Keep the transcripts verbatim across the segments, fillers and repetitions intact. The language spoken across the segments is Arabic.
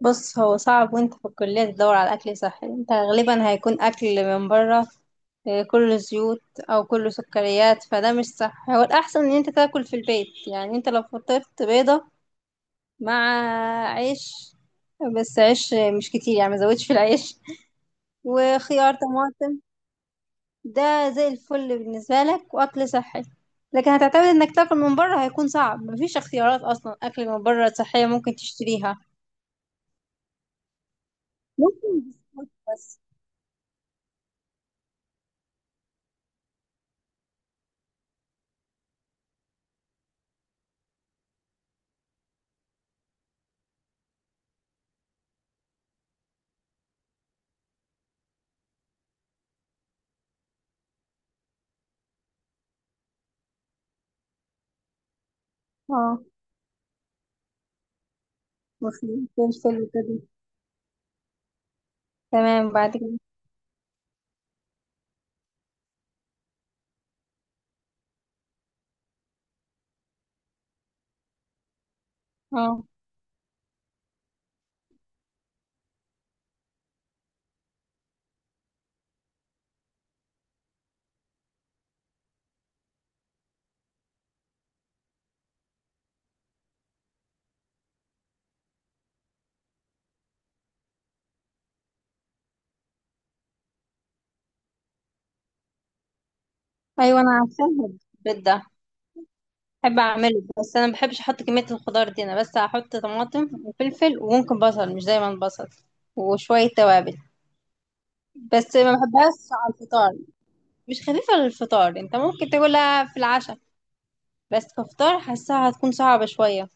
بص هو صعب وانت في الكلية تدور على أكل صحي. انت غالبا هيكون أكل من بره، آه، كله زيوت أو كله سكريات. فده مش صح، هو الأحسن إن انت تاكل في البيت. يعني انت لو فطرت بيضة مع عيش، بس عيش مش كتير يعني مزودش في العيش، وخيار طماطم، ده زي الفل بالنسبة لك وأكل صحي. لكن هتعتمد انك تاكل من بره، هيكون صعب، مفيش اختيارات اصلا اكل من بره صحية ممكن تشتريها. ممكن بسكوت بس. اه، مفهوم، فلفل وكده. تمام بعد كده. اه، ايوه انا عارفاها، البيت ده بحب اعمله، بس انا ما بحبش احط كميه الخضار دي، انا بس هحط طماطم وفلفل وممكن بصل، مش دايما بصل، وشويه توابل. بس ما بحبهاش على الفطار، مش خفيفه للفطار، انت ممكن تاكلها في العشاء، بس كفطار حاساها هتكون صعبه شويه.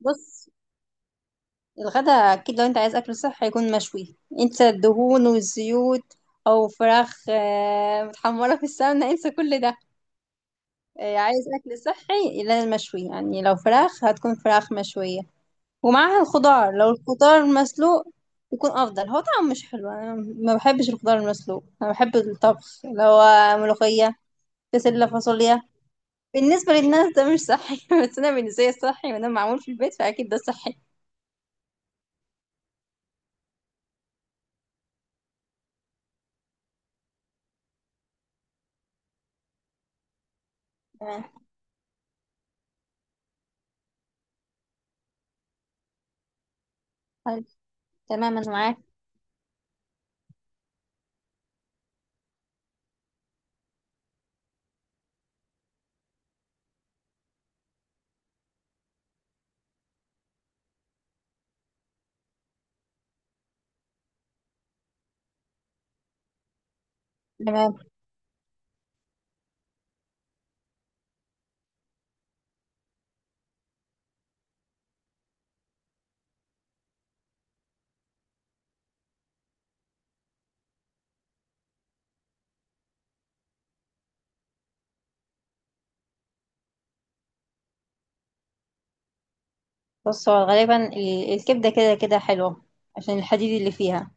بص، الغدا اكيد لو انت عايز اكل صحي هيكون مشوي، انسى الدهون والزيوت، او فراخ آه، متحمره في السمنه، انسى كل ده. آه، عايز أكل صحي لازم مشوي، يعني لو فراخ هتكون فراخ مشوية، ومعاها الخضار، لو الخضار مسلوق يكون أفضل. هو طعمه مش حلو، أنا ما بحبش الخضار المسلوق، أنا بحب الطبخ اللي هو ملوخية، بسلة، فاصوليا. بالنسبة للناس ده مش صحي بس أنا بالنسبة لي صحي، وأنا معمول في البيت فأكيد ده صحي. تمام. حلو. تمام أنا معاك. تمام، بص هو غالبا ال- الكبدة كده كده حلوة، عشان الحديد اللي فيها.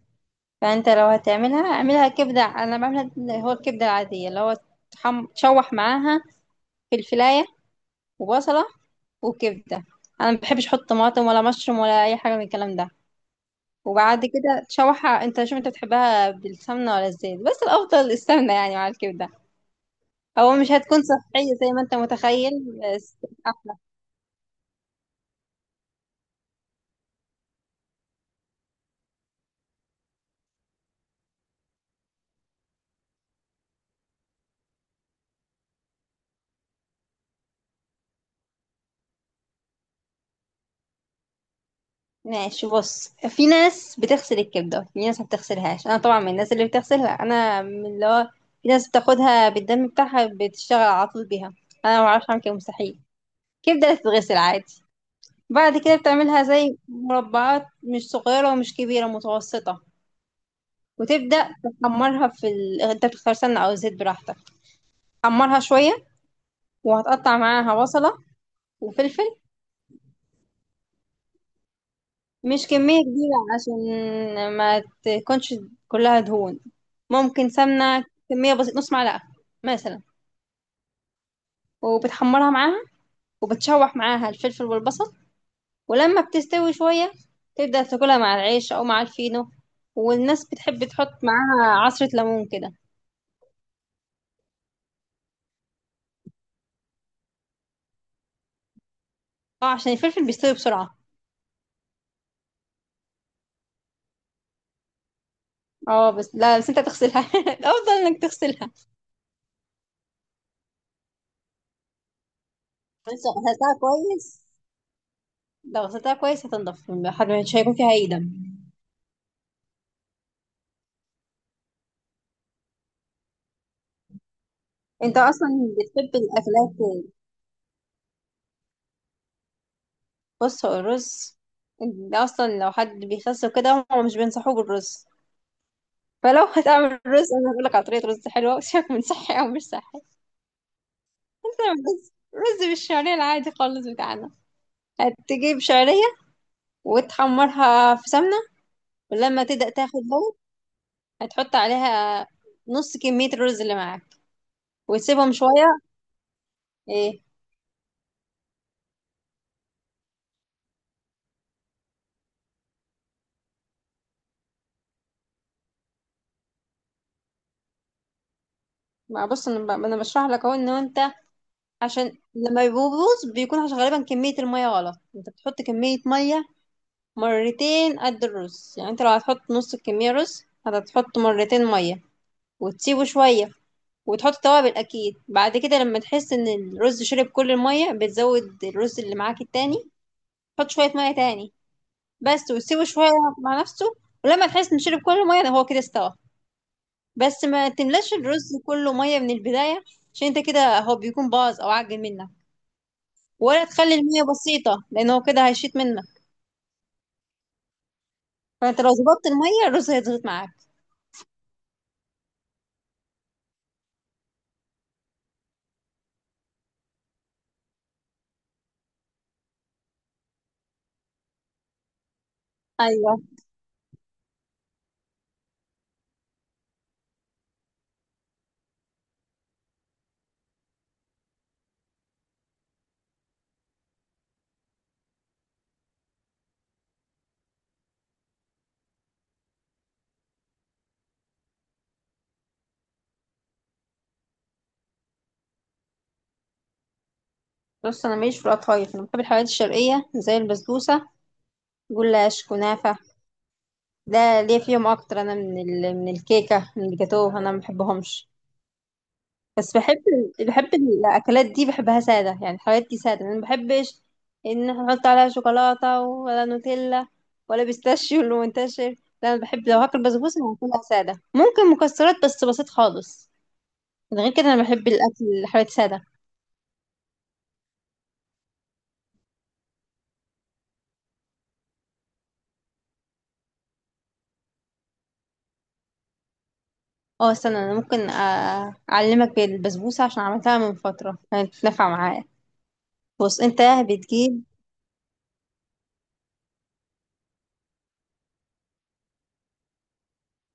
فانت لو هتعملها اعملها كبدة، انا بعملها اللي هو الكبدة العادية، اللي هو تحم... تشوح معاها فلفلاية وبصلة وكبدة، انا ما بحبش احط طماطم ولا مشروم ولا اي حاجة من الكلام ده. وبعد كده تشوحها، انت شوف انت بتحبها بالسمنة ولا الزيت، بس الافضل السمنة يعني مع الكبدة، او مش هتكون صحية زي ما انت متخيل. بس ماشي. بص، في ناس بتغسل الكبدة، في ناس ما بتغسلهاش، انا طبعا من الناس اللي بتغسلها، انا من اللي هو، في ناس بتاخدها بالدم بتاعها بتشتغل على طول بيها، انا ما بعرفش اعمل كده، مستحيل. الكبدة بتتغسل عادي، بعد كده بتعملها زي مربعات مش صغيرة ومش كبيرة، متوسطة، وتبدأ تحمرها في ال... انت بتختار سمنة او زيت براحتك، حمرها شوية، وهتقطع معاها بصلة وفلفل، مش كمية كبيرة عشان ما تكونش كلها دهون، ممكن سمنة كمية بسيطة نص معلقة مثلا، وبتحمرها معاها، وبتشوح معاها الفلفل والبصل، ولما بتستوي شوية تبدأ تاكلها مع العيش أو مع الفينو، والناس بتحب تحط معاها عصرة ليمون كده. اه، عشان الفلفل بيستوي بسرعة. اه، بس لا، بس انت هتغسلها الأفضل انك تغسلها. بس لو غسلتها كويس لو غسلتها كويس هتنضف، حد- مش هيكون فيها أي دم. انت اصلا بتحب الاكلات. بص، هو الرز ده اصلا لو حد بيخس وكده هم مش بينصحوه بالرز، فلو هتعمل رز انا هقول لك على طريقه رز حلوه وشك من صحي او مش صحي. انت تعمل رز رز بالشعريه العادي خالص بتاعنا، هتجيب شعريه وتحمرها في سمنه، ولما تبدا تاخد لون هتحط عليها نص كميه الرز اللي معاك وتسيبهم شويه. ايه. ما بص، انا ب- أنا بشرح لك اهو، ان انت عشان لما بيبوظ بيكون عشان غالبا كميه الميه غلط، انت بتحط كميه ميه مرتين قد الرز، يعني انت لو هتحط نص الكمية رز هتحط مرتين مية، وتسيبه شوية، وتحط توابل أكيد، بعد كده لما تحس إن الرز شرب كل المية بتزود الرز اللي معاك التاني، تحط شوية مية تاني بس، وتسيبه شوية مع نفسه، ولما تحس إن شرب كل المية ده هو كده استوى. بس ما تملاش الرز كله مية من البداية، عشان انت كده هو بيكون باظ أو عجن منك، ولا تخلي المية بسيطة لأن هو كده هيشيط منك، فانت لو ظبطت المية الرز هيضغط معاك. ايوه. بص، انا ماليش في القطايف، انا بحب الحلويات الشرقيه زي البسبوسه، جلاش، كنافه، ده ليا فيهم اكتر، انا من ال... من الكيكه من الجاتوه انا ما بحبهمش. بس بحب بحب الاكلات دي، بحبها ساده، يعني الحلويات دي ساده انا ما بحبش ان احنا نحط عليها شوكولاته ولا نوتيلا ولا بيستاشيو اللي منتشر، لا، انا بحب لو هاكل بسبوسه هاكلها ساده، ممكن مكسرات بس بسيط خالص. غير كده انا بحب الاكل الحلويات ساده. اه، استنى، انا ممكن آه، اعلمك بالبسبوسه عشان عملتها من فتره، كانت نافعه معايا. بص انت بتجيب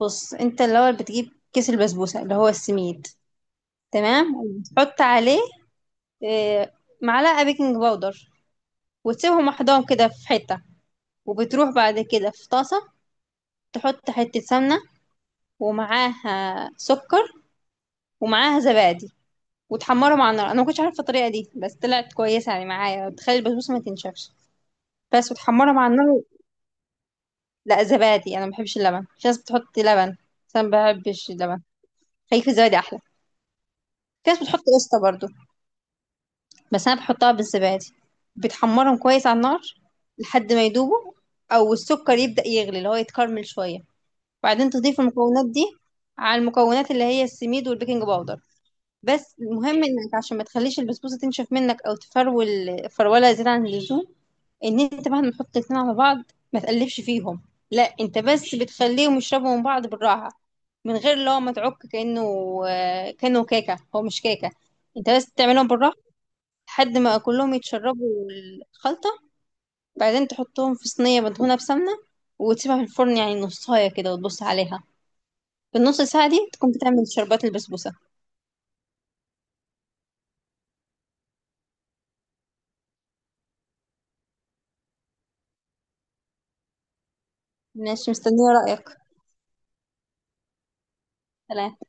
بص انت الاول بتجيب كيس البسبوسه اللي هو السميد، تمام، وبتحط عليه آه، معلقه بيكنج باودر، وتسيبهم محضان كده في حته، وبتروح بعد كده في طاسه تحط حته سمنه ومعاها سكر ومعاها زبادي، وتحمرهم على النار. انا ما كنتش عارفه الطريقه دي بس طلعت كويسه يعني معايا، بتخلي البسبوسه ما تنشفش. بس وتحمرهم على النار. لا زبادي، انا ما بحبش اللبن، في ناس بتحط لبن بس انا ما بحبش اللبن، خليك في الزبادي احلى. في ناس بتحط قشطه برضو، بس انا بحطها بالزبادي. بتحمرهم كويس على النار لحد ما يدوبوا، او السكر يبدأ يغلي اللي هو يتكرمل شويه، وبعدين تضيف المكونات دي على المكونات اللي هي السميد والبيكنج باودر. بس المهم، انك عشان ما تخليش البسبوسه تنشف منك او تفرول فروله زياده عن اللزوم، ان انت مهما تحط الاتنين على بعض ما تقلبش فيهم، لا، انت بس بتخليهم يشربوا من بعض بالراحه، من غير اللي هو ما تعك كانه آه، كانه كيكه، هو مش كيكه، انت بس تعملهم بالراحه لحد ما كلهم يتشربوا الخلطه. بعدين تحطهم في صينيه مدهونه بسمنه وتسيبها في الفرن، يعني نصايه كده وتبص عليها، في النص ساعه دي تكون بتعمل شربات البسبوسه. ماشي، مستنيه رايك. سلام.